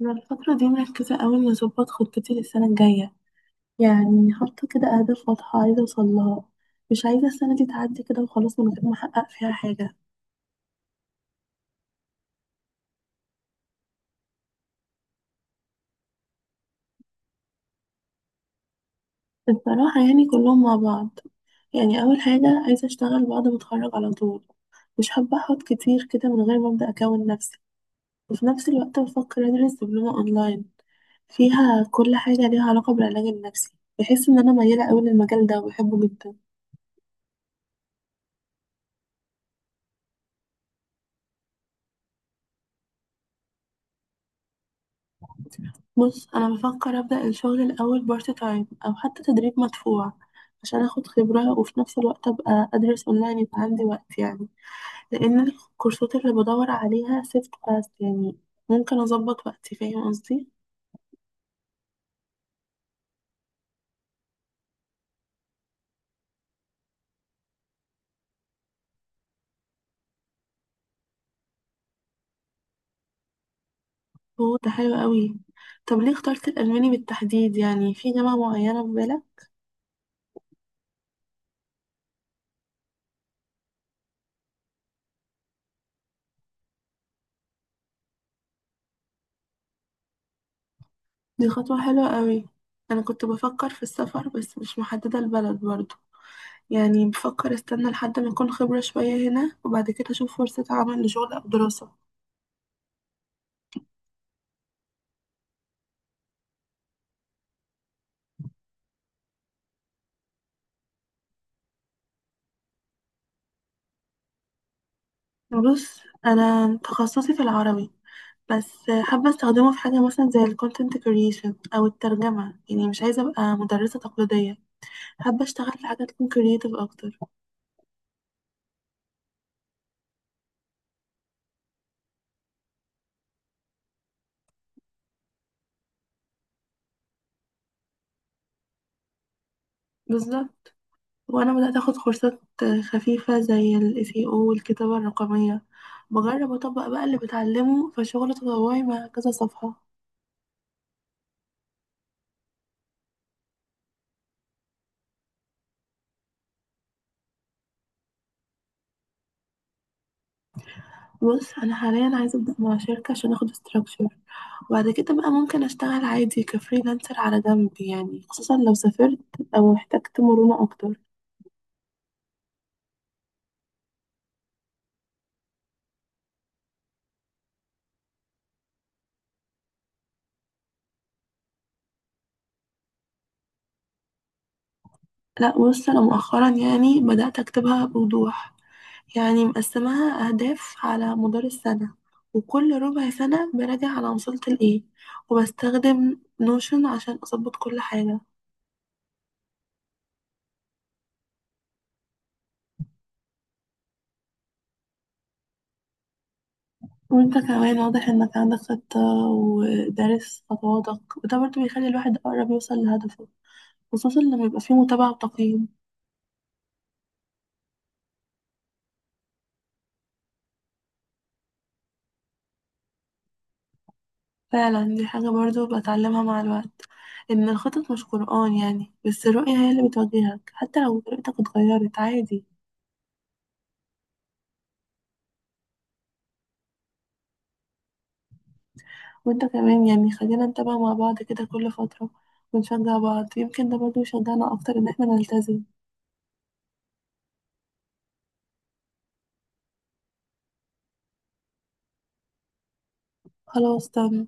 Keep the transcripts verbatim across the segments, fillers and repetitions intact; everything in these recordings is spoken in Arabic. أنا الفترة دي مركزة أوي إني أظبط خطتي للسنة الجاية. يعني حاطة كده أهداف واضحة عايزة أوصلها. مش عايزة السنة دي تعدي كده وخلاص من غير ما أحقق فيها حاجة. الصراحة يعني كلهم مع بعض. يعني أول حاجة عايزة أشتغل بعد ما أتخرج على طول. مش حابة أحط كتير كده من غير ما أبدأ أكون نفسي. وفي نفس الوقت بفكر أدرس دبلومة أونلاين فيها كل حاجة ليها علاقة بالعلاج النفسي. بحس إن أنا ميالة أوي للمجال ده وبحبه جدا. بص، انا بفكر ابدا الشغل الاول بارت تايم او حتى تدريب مدفوع عشان اخد خبره. وفي نفس الوقت ابقى ادرس اونلاين يبقى عندي وقت يعني. لان الكورسات اللي بدور عليها سيفت فاست يعني ممكن اظبط وقتي. فاهم قصدي؟ هو ده حلو قوي. طب ليه اخترت الالماني بالتحديد؟ يعني في جامعه معينه في بالك؟ دي خطوه حلوه قوي. انا كنت بفكر في السفر بس مش محدده البلد برضه. يعني بفكر استنى لحد ما اكون خبرة شوية هنا وبعد كده اشوف فرصة عمل لشغل او دراسة. بص، انا تخصصي في العربي بس. حابة استخدمه في حاجة مثلا زي ال content creation او الترجمة. يعني مش عايزة ابقى مدرسة تقليدية. حابة اشتغل في حاجة تكون creative اكتر. بالظبط. وانا بدأت اخد كورسات خفيفة زي ال S E O والكتابة الرقمية. بجرب اطبق بقى اللي بتعلمه في شغل تطوعي مع كذا صفحة. بص، انا حاليا عايزه ابدا مع شركه عشان اخد استراكشر. وبعد كده بقى ممكن اشتغل عادي كفريلانسر على جنب يعني، خصوصا لو سافرت او احتجت مرونه اكتر. لا بص، انا مؤخرا يعني بدات اكتبها بوضوح. يعني مقسماها اهداف على مدار السنه، وكل ربع سنه براجع على وصلت لايه. وبستخدم نوشن عشان اظبط كل حاجه. وانت كمان واضح انك عندك خطة ودارس خطواتك، وده برضه بيخلي الواحد اقرب يوصل لهدفه، خصوصا لما يبقى فيه متابعة وتقييم. فعلا، دي حاجة برضو بتعلمها مع الوقت. إن الخطط مش قرآن يعني، بس الرؤية هي اللي بتوجهك، حتى لو رؤيتك اتغيرت عادي. وانت كمان يعني خلينا نتابع مع بعض كده كل فترة ونشجع بعض. يمكن ده برضو يشجعنا أكتر إن احنا نلتزم. خلاص تم.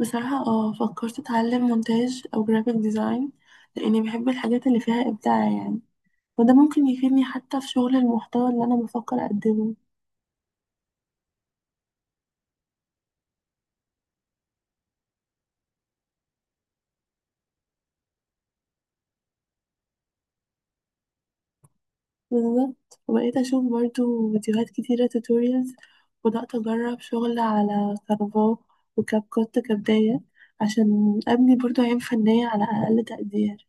بصراحة اه، فكرت أتعلم مونتاج أو جرافيك ديزاين، لأني بحب الحاجات اللي فيها إبداع يعني. وده ممكن يفيدني حتى في شغل المحتوى اللي أنا بفكر أقدمه. بالظبط. وبقيت أشوف برضو فيديوهات كتيرة، توتوريالز. وبدأت أجرب شغل على كانفا وكاب كوت كبداية، عشان أبني برضو عين فنية على أقل تقدير.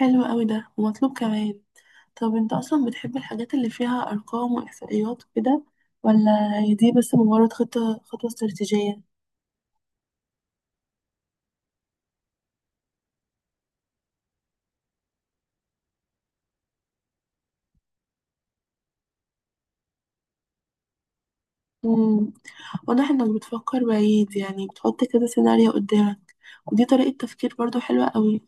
حلو أوي ده ومطلوب كمان. طب أنت أصلا بتحب الحاجات اللي فيها أرقام وإحصائيات وكده؟ ولا هي دي بس مجرد خطة خطوة استراتيجية؟ مم. واضح إنك بتفكر بعيد، يعني بتحط كده سيناريو قدامك. ودي طريقة تفكير برضو حلوة أوي.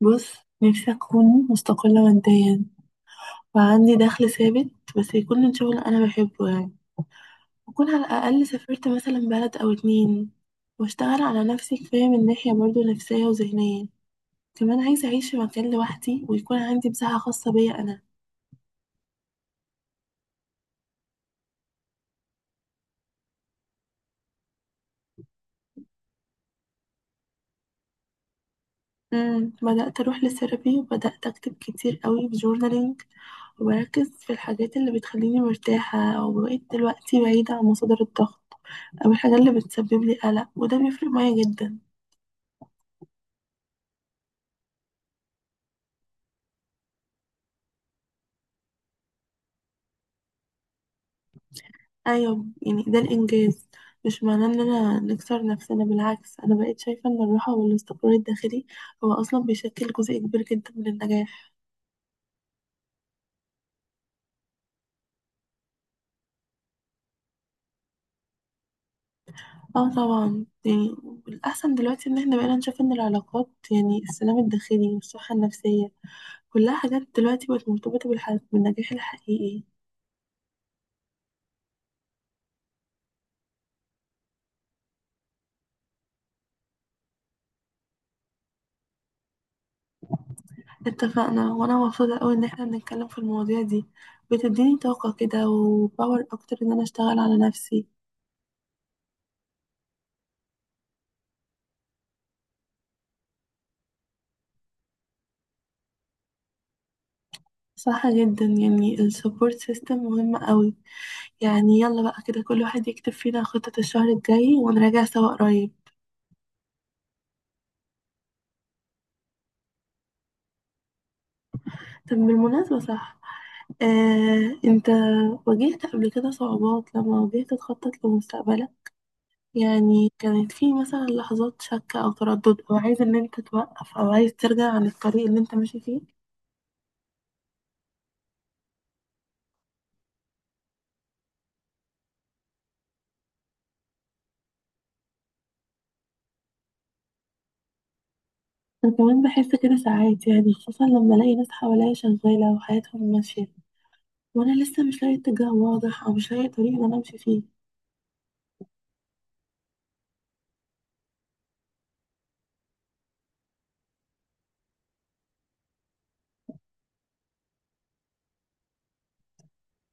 بص، نفسي أكون مستقلة ماديا وعندي دخل ثابت، بس يكون من شغل أنا بحبه يعني. وأكون على الأقل سافرت مثلا بلد أو اتنين. وأشتغل على نفسي كفاية من ناحية برضه نفسية وذهنية. كمان عايزة أعيش في مكان لوحدي ويكون عندي مساحة خاصة بيا أنا. مم. بدأت أروح للثيرابي وبدأت أكتب كتير قوي في جورنالينج. وبركز في الحاجات اللي بتخليني مرتاحة. وبقيت دلوقتي بعيدة عن مصادر الضغط أو الحاجات اللي بتسبب لي قلق. وده بيفرق معايا جدا. ايوه يعني ده الانجاز. مش معناه ان انا نكسر نفسنا، بالعكس. انا بقيت شايفه ان الراحه والاستقرار الداخلي هو اصلا بيشكل جزء كبير جدا من النجاح. اه طبعا يعني الاحسن دلوقتي، ان احنا بقينا نشوف ان العلاقات يعني السلام الداخلي والصحه النفسيه كلها حاجات دلوقتي بقت مرتبطه بالح- بالنجاح الحقيقي. اتفقنا. وانا مبسوطه قوي ان احنا بنتكلم في المواضيع دي. بتديني طاقه كده وباور اكتر ان انا اشتغل على نفسي. صح جدا. يعني السبورت سيستم مهم قوي. يعني يلا بقى كده كل واحد يكتب فينا خطة الشهر الجاي ونراجع سوا قريب. طب بالمناسبة صح. آه، انت واجهت قبل كده صعوبات لما واجهت تخطط لمستقبلك؟ يعني كانت في مثلا لحظات شك او تردد او عايز ان انت توقف او عايز ترجع عن الطريق اللي انت ماشي فيه؟ انا كمان بحس كده ساعات يعني، خصوصا لما الاقي ناس حواليا شغالة وحياتهم ماشية، وانا لسه مش لاقي اتجاه واضح او مش لاقي طريق ان انا امشي فيه.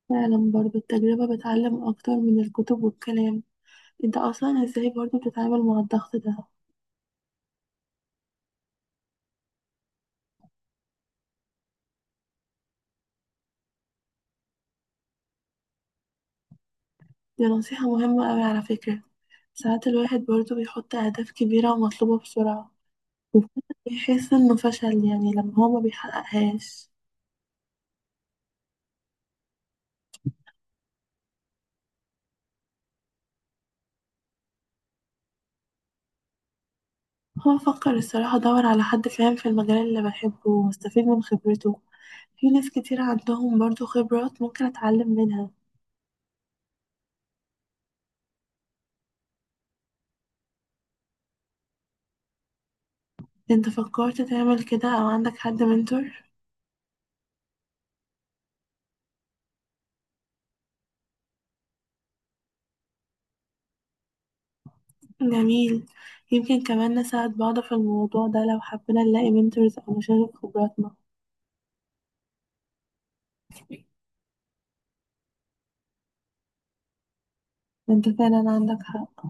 فعلا. برضو التجربة بتعلم أكتر من الكتب والكلام. انت أصلا ازاي برضو بتتعامل مع الضغط ده؟ دي نصيحة مهمة أوي على فكرة. ساعات الواحد برضو بيحط أهداف كبيرة ومطلوبة بسرعة وبيحس إنه فشل يعني لما هو ما بيحققهاش. هو فكر الصراحة أدور على حد فاهم في المجال اللي بحبه واستفيد من خبرته. في ناس كتير عندهم برضو خبرات ممكن أتعلم منها. انت فكرت تعمل كده أو عندك حد منتور؟ جميل. يمكن كمان نساعد بعض في الموضوع ده لو حبينا نلاقي منتورز أو نشارك خبراتنا. انت فعلا عندك حق.